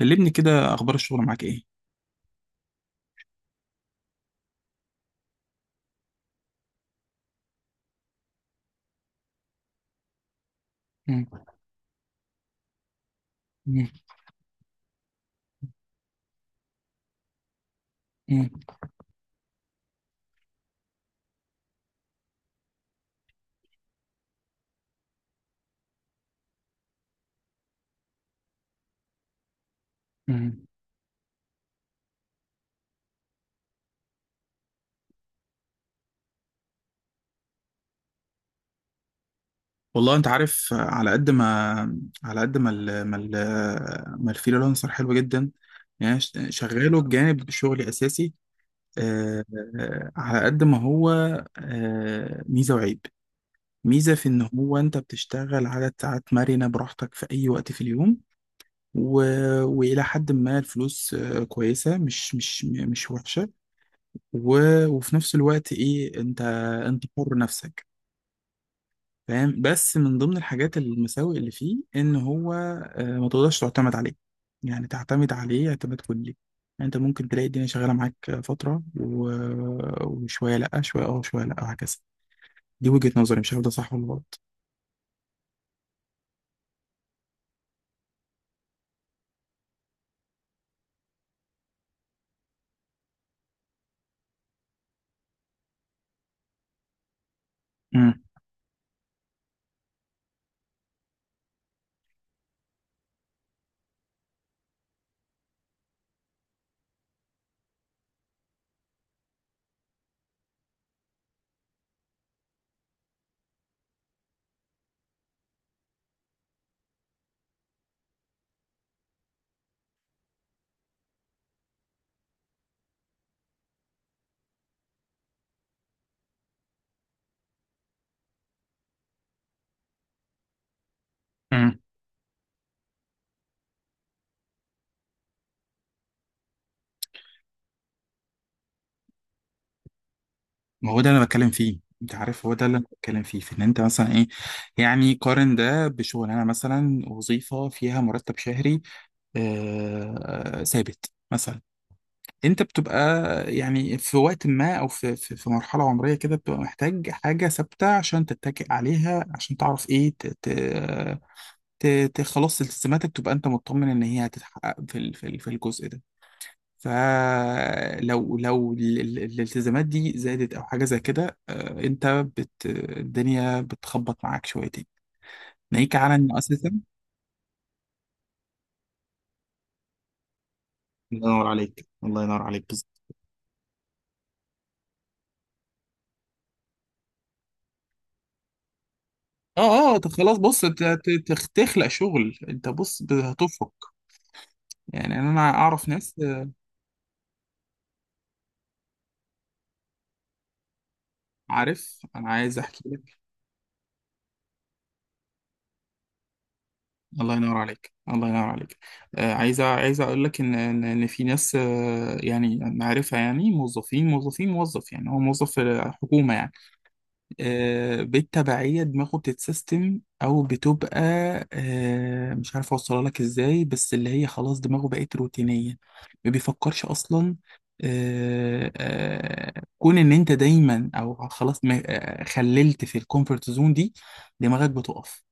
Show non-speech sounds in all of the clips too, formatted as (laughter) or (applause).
كلمني كده، اخبار الشغل معاك ايه؟ مم. مم. مم. مم. والله انت عارف، على قد ما على قد ما ال... ما ال... الفريلانسر حلو جدا. يعني أنا شغاله بجانب شغلي اساسي. آه... على قد ما هو ميزه وعيب. ميزه في ان هو انت بتشتغل عدد ساعات مرنه براحتك في اي وقت في اليوم، و... والى حد ما الفلوس كويسه، مش وحشه. و... وفي نفس الوقت ايه، انت انت حر نفسك، فاهم؟ بس من ضمن الحاجات المساوئ اللي فيه ان هو ما تقدرش تعتمد عليه، يعني تعتمد عليه اعتماد كلي. يعني انت ممكن تلاقي الدنيا شغاله معاك فتره وشويه لا، شويه اه، شويه لا، وهكذا. دي وجهه نظري، مش عارف ده صح ولا غلط. امم امم ما هو ده اللي انا بتكلم فيه، انت عارف هو ده اللي انا بتكلم فيه، في ان انت مثلا ايه، يعني قارن ده بشغلانه مثلا، وظيفه فيها مرتب شهري ثابت مثلا. انت بتبقى يعني في وقت ما او في في مرحله عمريه كده بتبقى محتاج حاجه ثابته عشان تتكئ عليها، عشان تعرف ايه ت خلاص التزاماتك تبقى انت مطمن ان هي هتتحقق في الجزء ده. فلو الالتزامات دي زادت او حاجه زي كده، انت الدنيا بتخبط معاك شويتين، ناهيك على ان اساسا الله ينور عليك، الله ينور عليك بالظبط. اه طب خلاص، بص، تخلق شغل. انت بص، هتفرق. يعني انا اعرف ناس عارف انا عايز احكي لك. الله ينور عليك، الله ينور عليك. عايز اقول لك ان إن في ناس يعني معرفه، يعني موظف، يعني هو موظف في حكومه يعني. بالتبعية دماغه بتتسيستم أو بتبقى مش عارف أوصلها لك إزاي، بس اللي هي خلاص دماغه بقت روتينية، ما بيفكرش أصلا. كون إن أنت دايما أو خلاص خللت في الكومفورت زون دي دماغك بتقف.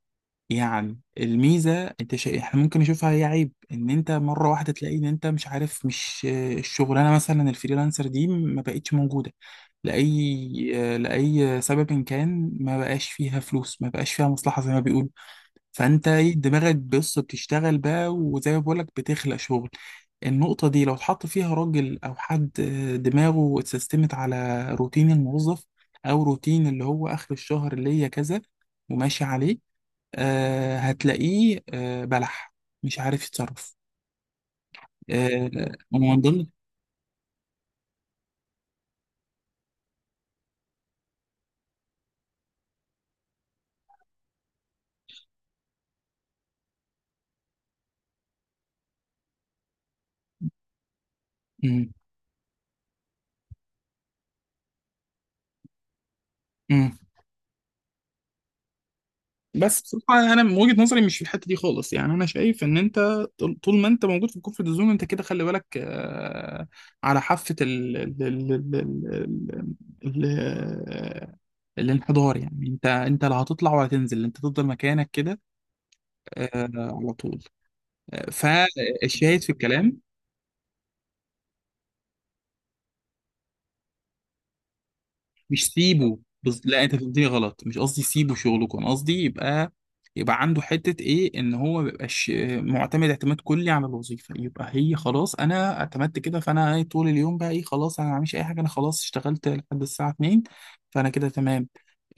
يعني الميزة انت احنا ممكن نشوفها هي عيب، ان انت مرة واحدة تلاقي ان انت مش عارف، مش الشغلانة مثلا الفريلانسر دي ما بقتش موجودة لأي لأي سبب إن كان، ما بقاش فيها فلوس، ما بقاش فيها مصلحة زي ما بيقولوا. فانت ايه، دماغك بص بتشتغل بقى، وزي ما بقولك بتخلق شغل. النقطة دي لو اتحط فيها راجل أو حد دماغه اتسيستمت على روتين الموظف أو روتين اللي هو آخر الشهر اللي هي كذا وماشي عليه، آه هتلاقيه آه بلح، مش عارف يتصرف. آه، ومن ضمن. مم. مم. بس بصراحة أنا من وجهة نظري مش في الحتة دي خالص. يعني أنا شايف إن أنت طول، طول ما أنت موجود في الكومفورت زون أنت كده خلي بالك، آه، على حافة ال ال ال ال ال ال الانحدار. يعني أنت، أنت لا هتطلع ولا تنزل، أنت تفضل مكانك كده آه، على طول. فالشاهد في الكلام، مش سيبه لا انت فهمتني غلط، مش قصدي سيبه شغلكم، انا قصدي يبقى، يبقى عنده حتة ايه، ان هو ما يبقاش معتمد اعتماد كلي على الوظيفة، يبقى هي خلاص انا اعتمدت كده فانا إيه طول اليوم بقى ايه، خلاص انا ما بعملش اي حاجة، انا خلاص اشتغلت لحد الساعة 2 فانا كده تمام.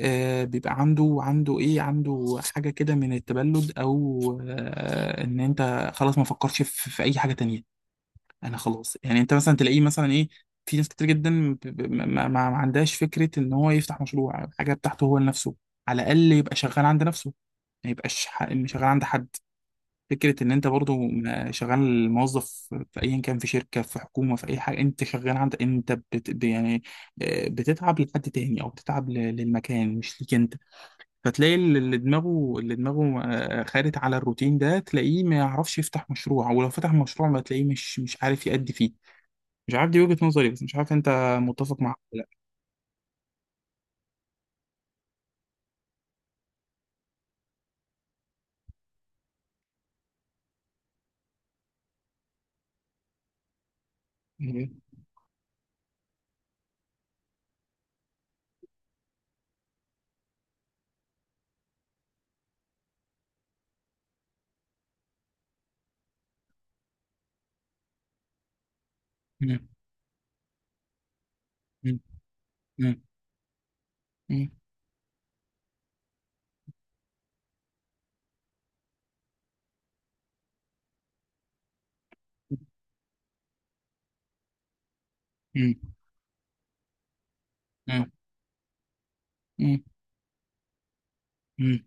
آه بيبقى عنده، عنده ايه، عنده حاجة كده من التبلد او آه ان انت خلاص ما فكرش في اي حاجة تانية، انا خلاص. يعني انت مثلا تلاقيه مثلا ايه، في ناس كتير جدا ما عندهاش فكره ان هو يفتح مشروع، حاجه بتاعته هو لنفسه، على الاقل يبقى شغال عند نفسه، ما يبقاش شغال عند حد. فكره ان انت برضو شغال موظف في ايا كان، في شركه في حكومه في اي حاجه، انت شغال عند، انت يعني بتتعب لحد تاني او بتتعب للمكان، مش ليك انت. فتلاقي اللي دماغه خارج على الروتين ده تلاقيه ما يعرفش يفتح مشروع، ولو فتح مشروع ما تلاقيه مش عارف يأدي فيه. مش عارف، دي وجهة نظري، بس مش عارف انت متفق معاها ولا لا. مم. مم. مم. مم. مم. مم. مم. مم.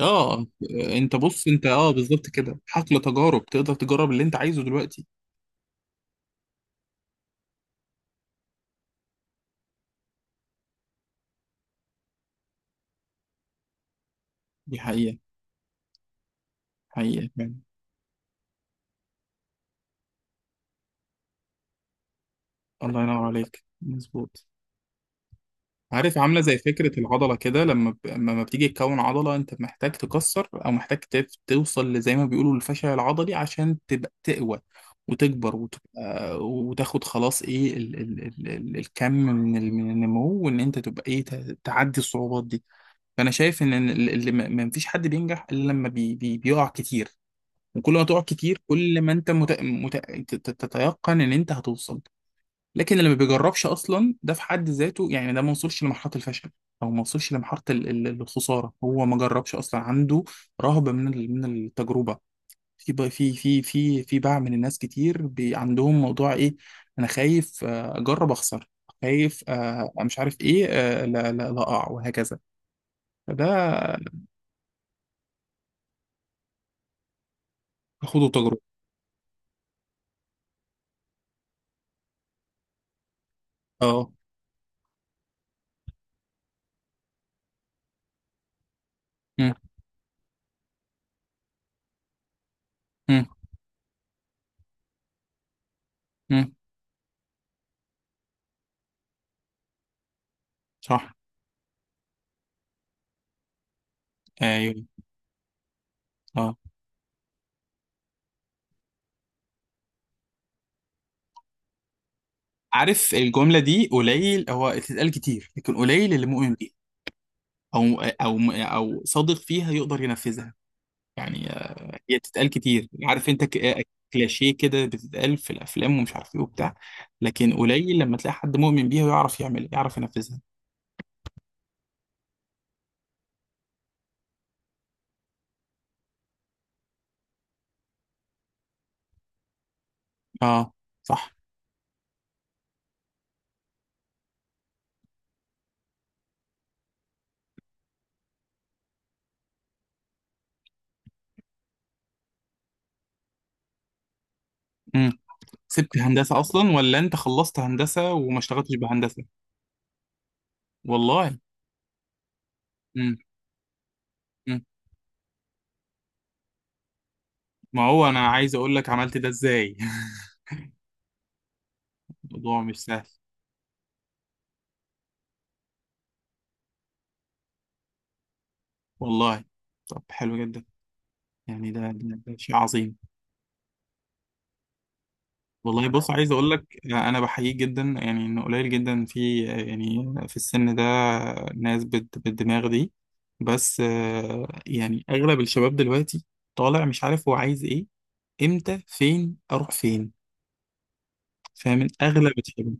اه، انت بص، انت اه بالظبط كده حقل تجارب، تقدر تجرب اللي انت عايزه دلوقتي. دي حقيقة، حقيقة فعلا. الله ينور عليك، مظبوط. عارف، عاملة زي فكرة العضلة كده، لما بتيجي تكون عضلة انت محتاج تكسر او محتاج توصل لزي ما بيقولوا الفشل العضلي عشان تبقى تقوى وتكبر وتبقى وتاخد خلاص ايه الكم من من النمو، وان انت تبقى ايه تعدي الصعوبات دي. فانا شايف ان اللي ما فيش حد بينجح الا لما بيقع كتير، وكل ما تقع كتير كل ما انت تتيقن ان انت هتوصل. لكن اللي ما بيجربش اصلا ده في حد ذاته، يعني ده ما وصلش لمرحله الفشل او ما وصلش لمرحله الخساره، هو ما جربش اصلا، عنده رهبه من من التجربه. في بقى- في في في في باع من الناس كتير بي عندهم موضوع ايه، انا خايف اجرب اخسر، خايف مش عارف ايه، لا اقع، وهكذا. فده خدوا تجربه، اه. مم. مم. مم. صح، ايوه، اه. عارف الجمله دي قليل هو تتقال كتير لكن قليل اللي مؤمن بيها، او صادق فيها يقدر ينفذها. يعني هي بتتقال كتير، عارف انت، كلاشيه كده، بتتقال في الافلام ومش عارف ايه وبتاع، لكن قليل لما تلاقي حد مؤمن بيها ويعرف يعمل، يعرف ينفذها. اه صح. امم. سبت هندسه اصلا ولا انت خلصت هندسه وما اشتغلتش بهندسه؟ والله. امم. أمم. ما هو انا عايز اقول لك عملت ده ازاي؟ (laughs) الموضوع مش سهل. والله. طب حلو جدا، يعني ده شيء عظيم. والله بص، عايز اقول لك انا بحييك جدا، يعني انه قليل جدا في، يعني في السن ده ناس بالدماغ دي. بس يعني اغلب الشباب دلوقتي طالع مش عارف هو عايز ايه، امتى، فين، اروح فين، فاهم، اغلب الشباب.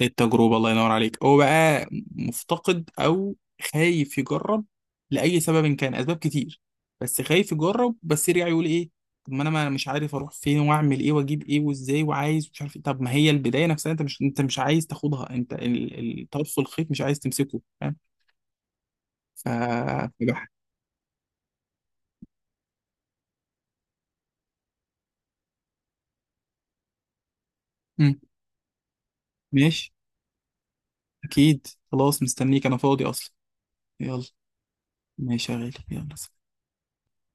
التجربة، الله ينور عليك. هو بقى مفتقد أو خايف يجرب لأي سبب كان، أسباب كتير، بس خايف يجرب، بس يرجع يقول إيه، طب ما أنا، ما مش عارف أروح فين، وأعمل إيه، وأجيب إيه، وإزاي، وعايز مش عارف إيه. طب ما هي البداية نفسها أنت مش عايز تاخدها، أنت الطرف الخيط مش عايز تمسكه، فاهم؟ ف فبح- مم. ماشي، أكيد، خلاص مستنيك، أنا فاضي أصلا. يلا، ماشي يا غالي، يلا.